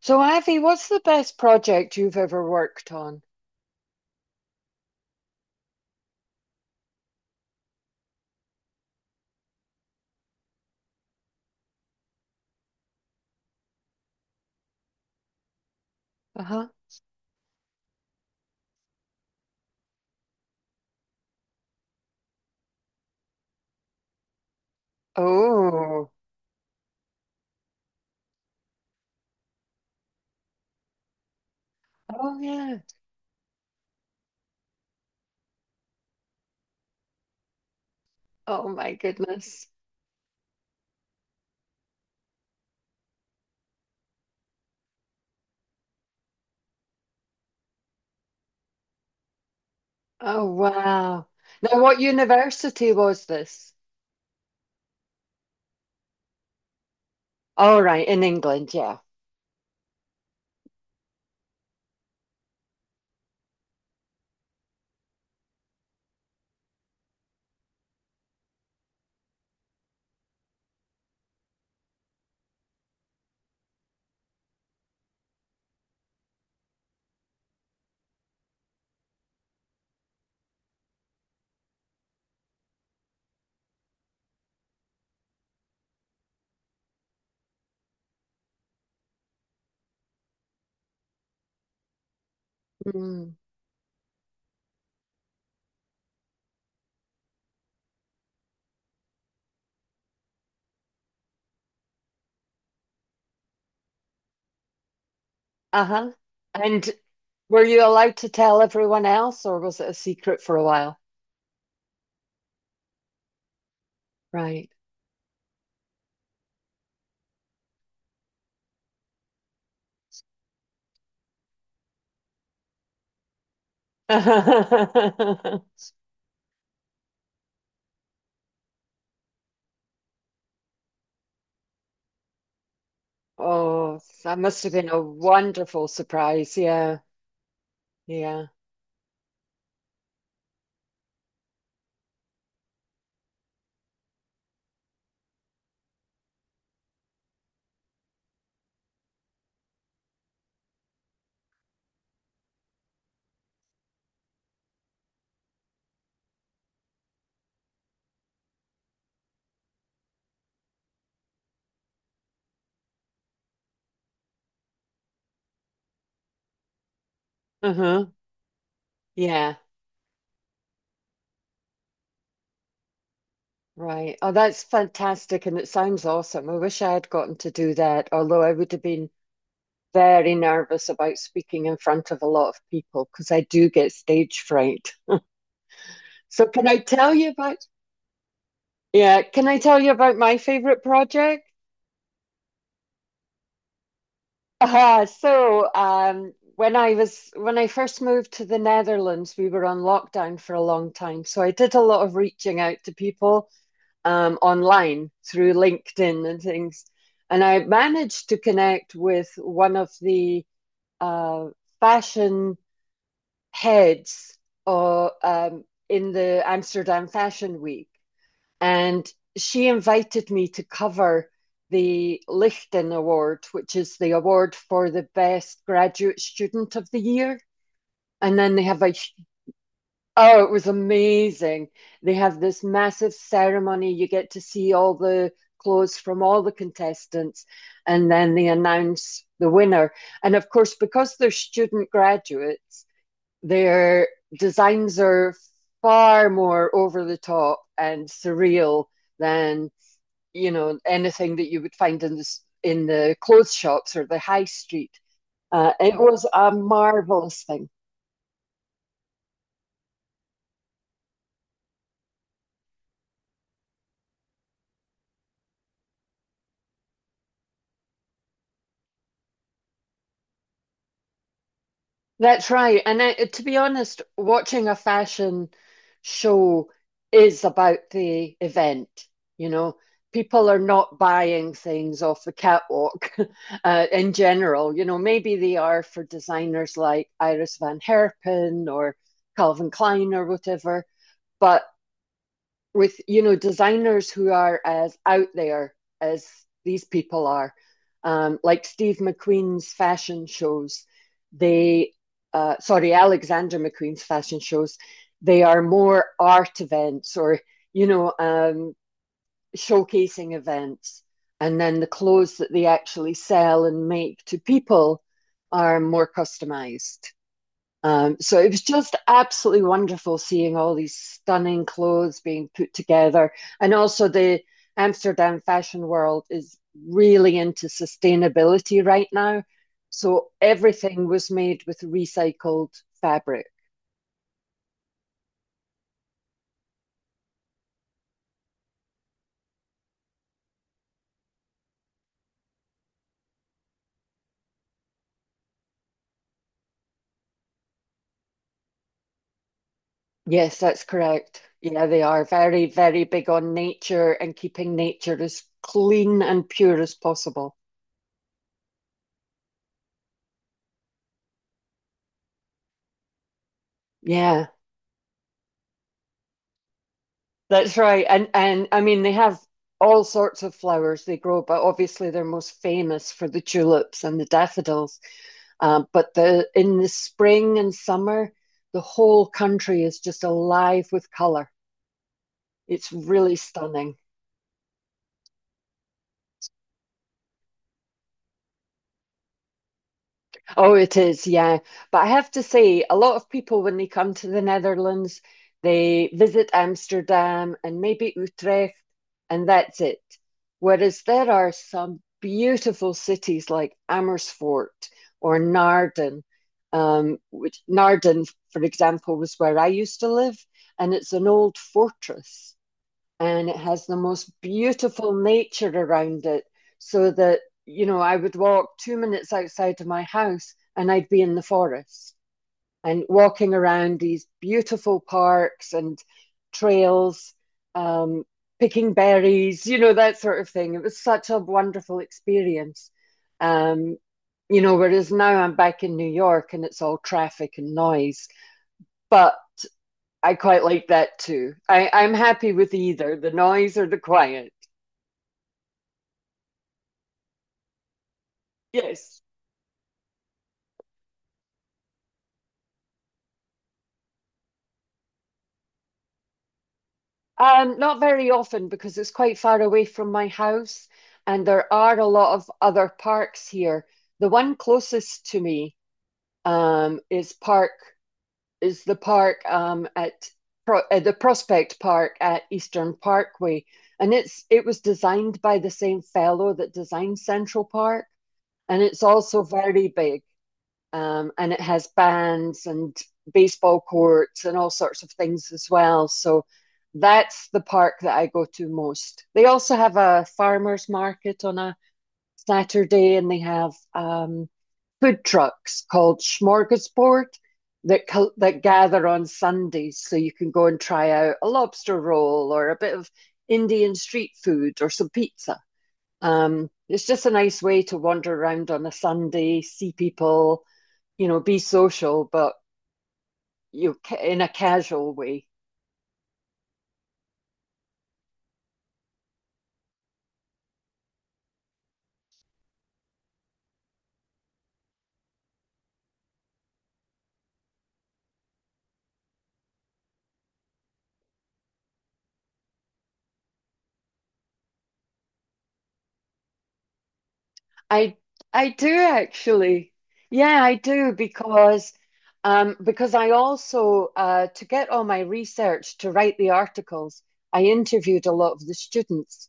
So, Avi, what's the best project you've ever worked on? Uh-huh. Oh, oh yeah. Oh my goodness. Oh wow. Now, what university was this? All right, in England, yeah. Mm. Uh-huh. And were you allowed to tell everyone else, or was it a secret for a while? Right. Oh, that must have been a wonderful surprise. Yeah, yeah. Uh-huh. Yeah. Right. Oh, that's fantastic. And it sounds awesome. I wish I had gotten to do that, although I would have been very nervous about speaking in front of a lot of people because I do get stage fright. So, can I tell you about, yeah, can I tell you about my favorite project? Ah, so, when I was, when I first moved to the Netherlands, we were on lockdown for a long time. So I did a lot of reaching out to people online through LinkedIn and things. And I managed to connect with one of the uh, fashion heads or, in the Amsterdam Fashion Week. And she invited me to cover the Lichten Award, which is the award for the best graduate student of the year. And then they have a Oh, it was amazing. They have this massive ceremony. You get to see all the clothes from all the contestants, and then they announce the winner. And of course, because they're student graduates, their designs are far more over the top and surreal than, anything that you would find in the clothes shops or the high street. It was a marvelous thing. That's right. And I, to be honest, watching a fashion show is about the event. You know, people are not buying things off the catwalk in general. Maybe they are for designers like Iris Van Herpen or Calvin Klein or whatever, but with designers who are as out there as these people are, like Steve McQueen's fashion shows. They, sorry, Alexander McQueen's fashion shows. They are more art events or you know um, showcasing events, and then the clothes that they actually sell and make to people are more customized. So it was just absolutely wonderful seeing all these stunning clothes being put together. And also, the Amsterdam fashion world is really into sustainability right now. So everything was made with recycled fabric. Yes, that's correct. Yeah, they are very, very big on nature and keeping nature as clean and pure as possible. Yeah. That's right. And I mean they have all sorts of flowers they grow, but obviously they're most famous for the tulips and the daffodils. But the in the spring and summer, the whole country is just alive with color. It's really stunning. Oh, it is, yeah. But I have to say, a lot of people, when they come to the Netherlands, they visit Amsterdam and maybe Utrecht, and that's it. Whereas there are some beautiful cities like Amersfoort or Naarden, which Naarden, for example, was where I used to live, and it's an old fortress and it has the most beautiful nature around it, so that I would walk 2 minutes outside of my house and I'd be in the forest and walking around these beautiful parks and trails, um, picking berries, that sort of thing. It was such a wonderful experience. um, Whereas now I'm back in New York and it's all traffic and noise, but I quite like that too. I'm happy with either the noise or the quiet. Yes. Not very often because it's quite far away from my house, and there are a lot of other parks here. The one closest to me, um, is park is the park at Pro the Prospect Park at Eastern Parkway, and it was designed by the same fellow that designed Central Park, and it's also very big. And it has bands and baseball courts and all sorts of things as well. So that's the park that I go to most. They also have a farmers market on a Saturday, and they have food trucks called Smorgasbord that gather on Sundays, so you can go and try out a lobster roll or a bit of Indian street food or some pizza. It's just a nice way to wander around on a Sunday, see people, be social, but in a casual way. I I do actually. Yeah, I do because I also to get all my research to write the articles, I interviewed a lot of the students,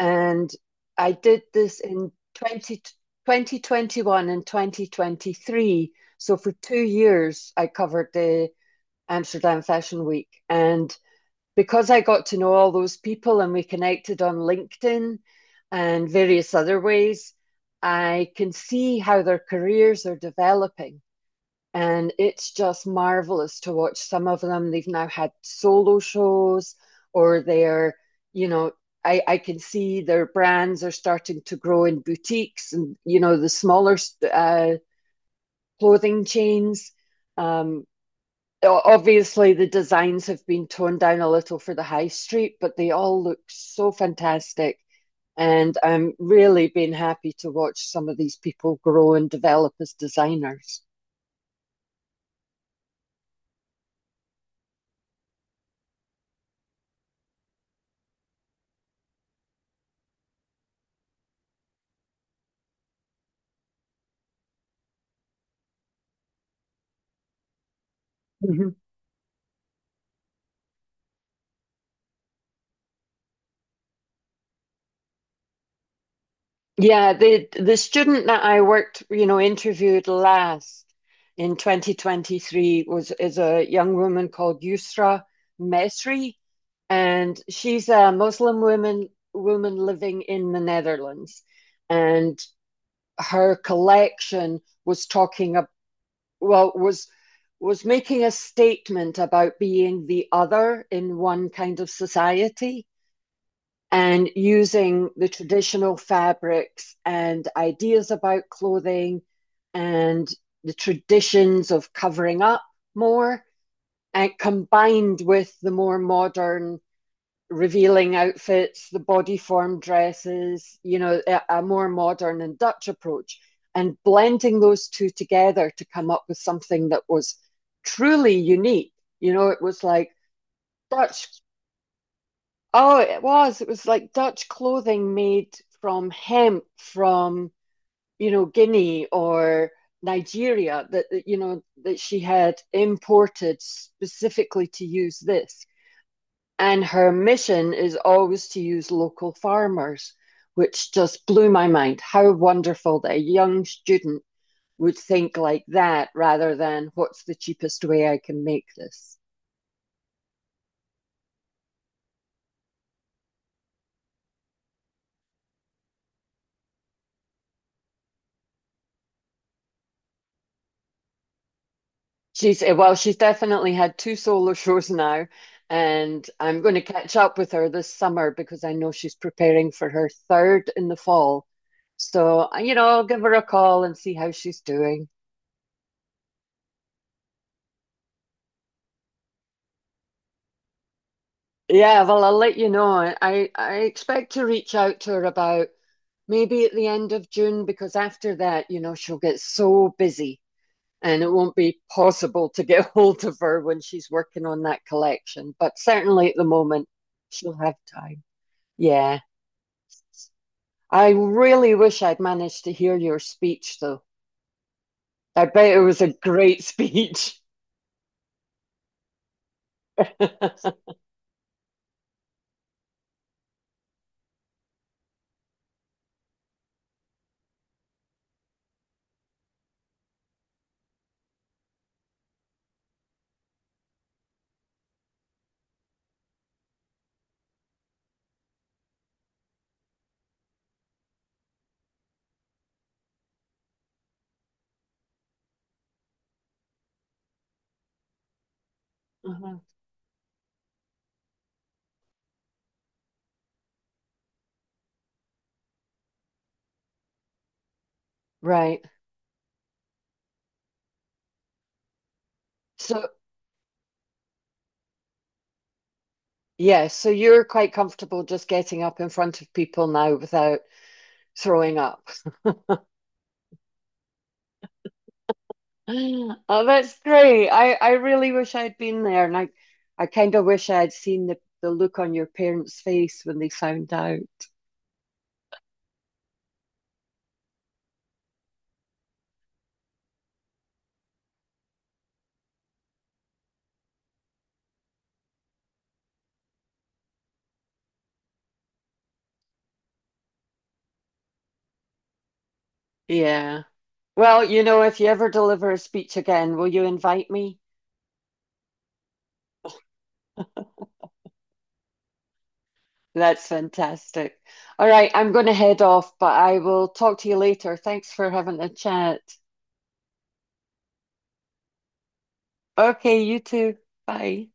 and I did this in twenty one and 2023. So for 2 years I covered the Amsterdam Fashion Week, and because I got to know all those people and we connected on LinkedIn and various other ways, I can see how their careers are developing. And it's just marvelous to watch some of them. They've now had solo shows, or they're, you know, I can see their brands are starting to grow in boutiques and, the smaller uh, clothing chains. Um, obviously the designs have been toned down a little for the high street, but they all look so fantastic. And I'm really been happy to watch some of these people grow and develop as designers. Mhm. Yeah, the student that I interviewed last in 2023 was is a young woman called Yusra Mesri, and she's a Muslim woman living in the Netherlands, and her collection was talking about well was making a statement about being the other in one kind of society, and using the traditional fabrics and ideas about clothing and the traditions of covering up more, and combined with the more modern revealing outfits, the body form dresses, a more modern and Dutch approach, and blending those two together to come up with something that was truly unique. It was like Dutch, oh, it was like Dutch clothing made from hemp from, Guinea or Nigeria, that she had imported specifically to use this, and her mission is always to use local farmers, which just blew my mind. How wonderful that a young student would think like that rather than what's the cheapest way I can make this. She's definitely had two solo shows now, and I'm going to catch up with her this summer because I know she's preparing for her third in the fall. So, I'll give her a call and see how she's doing. Yeah, well, I'll let you know. I expect to reach out to her about maybe at the end of June, because after that, she'll get so busy and it won't be possible to get hold of her when she's working on that collection. But certainly at the moment, she'll have time. Yeah. I really wish I'd managed to hear your speech, though. I bet it was a great speech. Uh-huh. Right. So, yeah, so you're quite comfortable just getting up in front of people now without throwing up. Oh, that's great. I really wish I'd been there, and I kind of wish I had seen the look on your parents' face when they found out. Yeah. Well, if you ever deliver a speech again, will you invite me? That's fantastic. All right, I'm going to head off, but I will talk to you later. Thanks for having a chat. Okay, you too. Bye.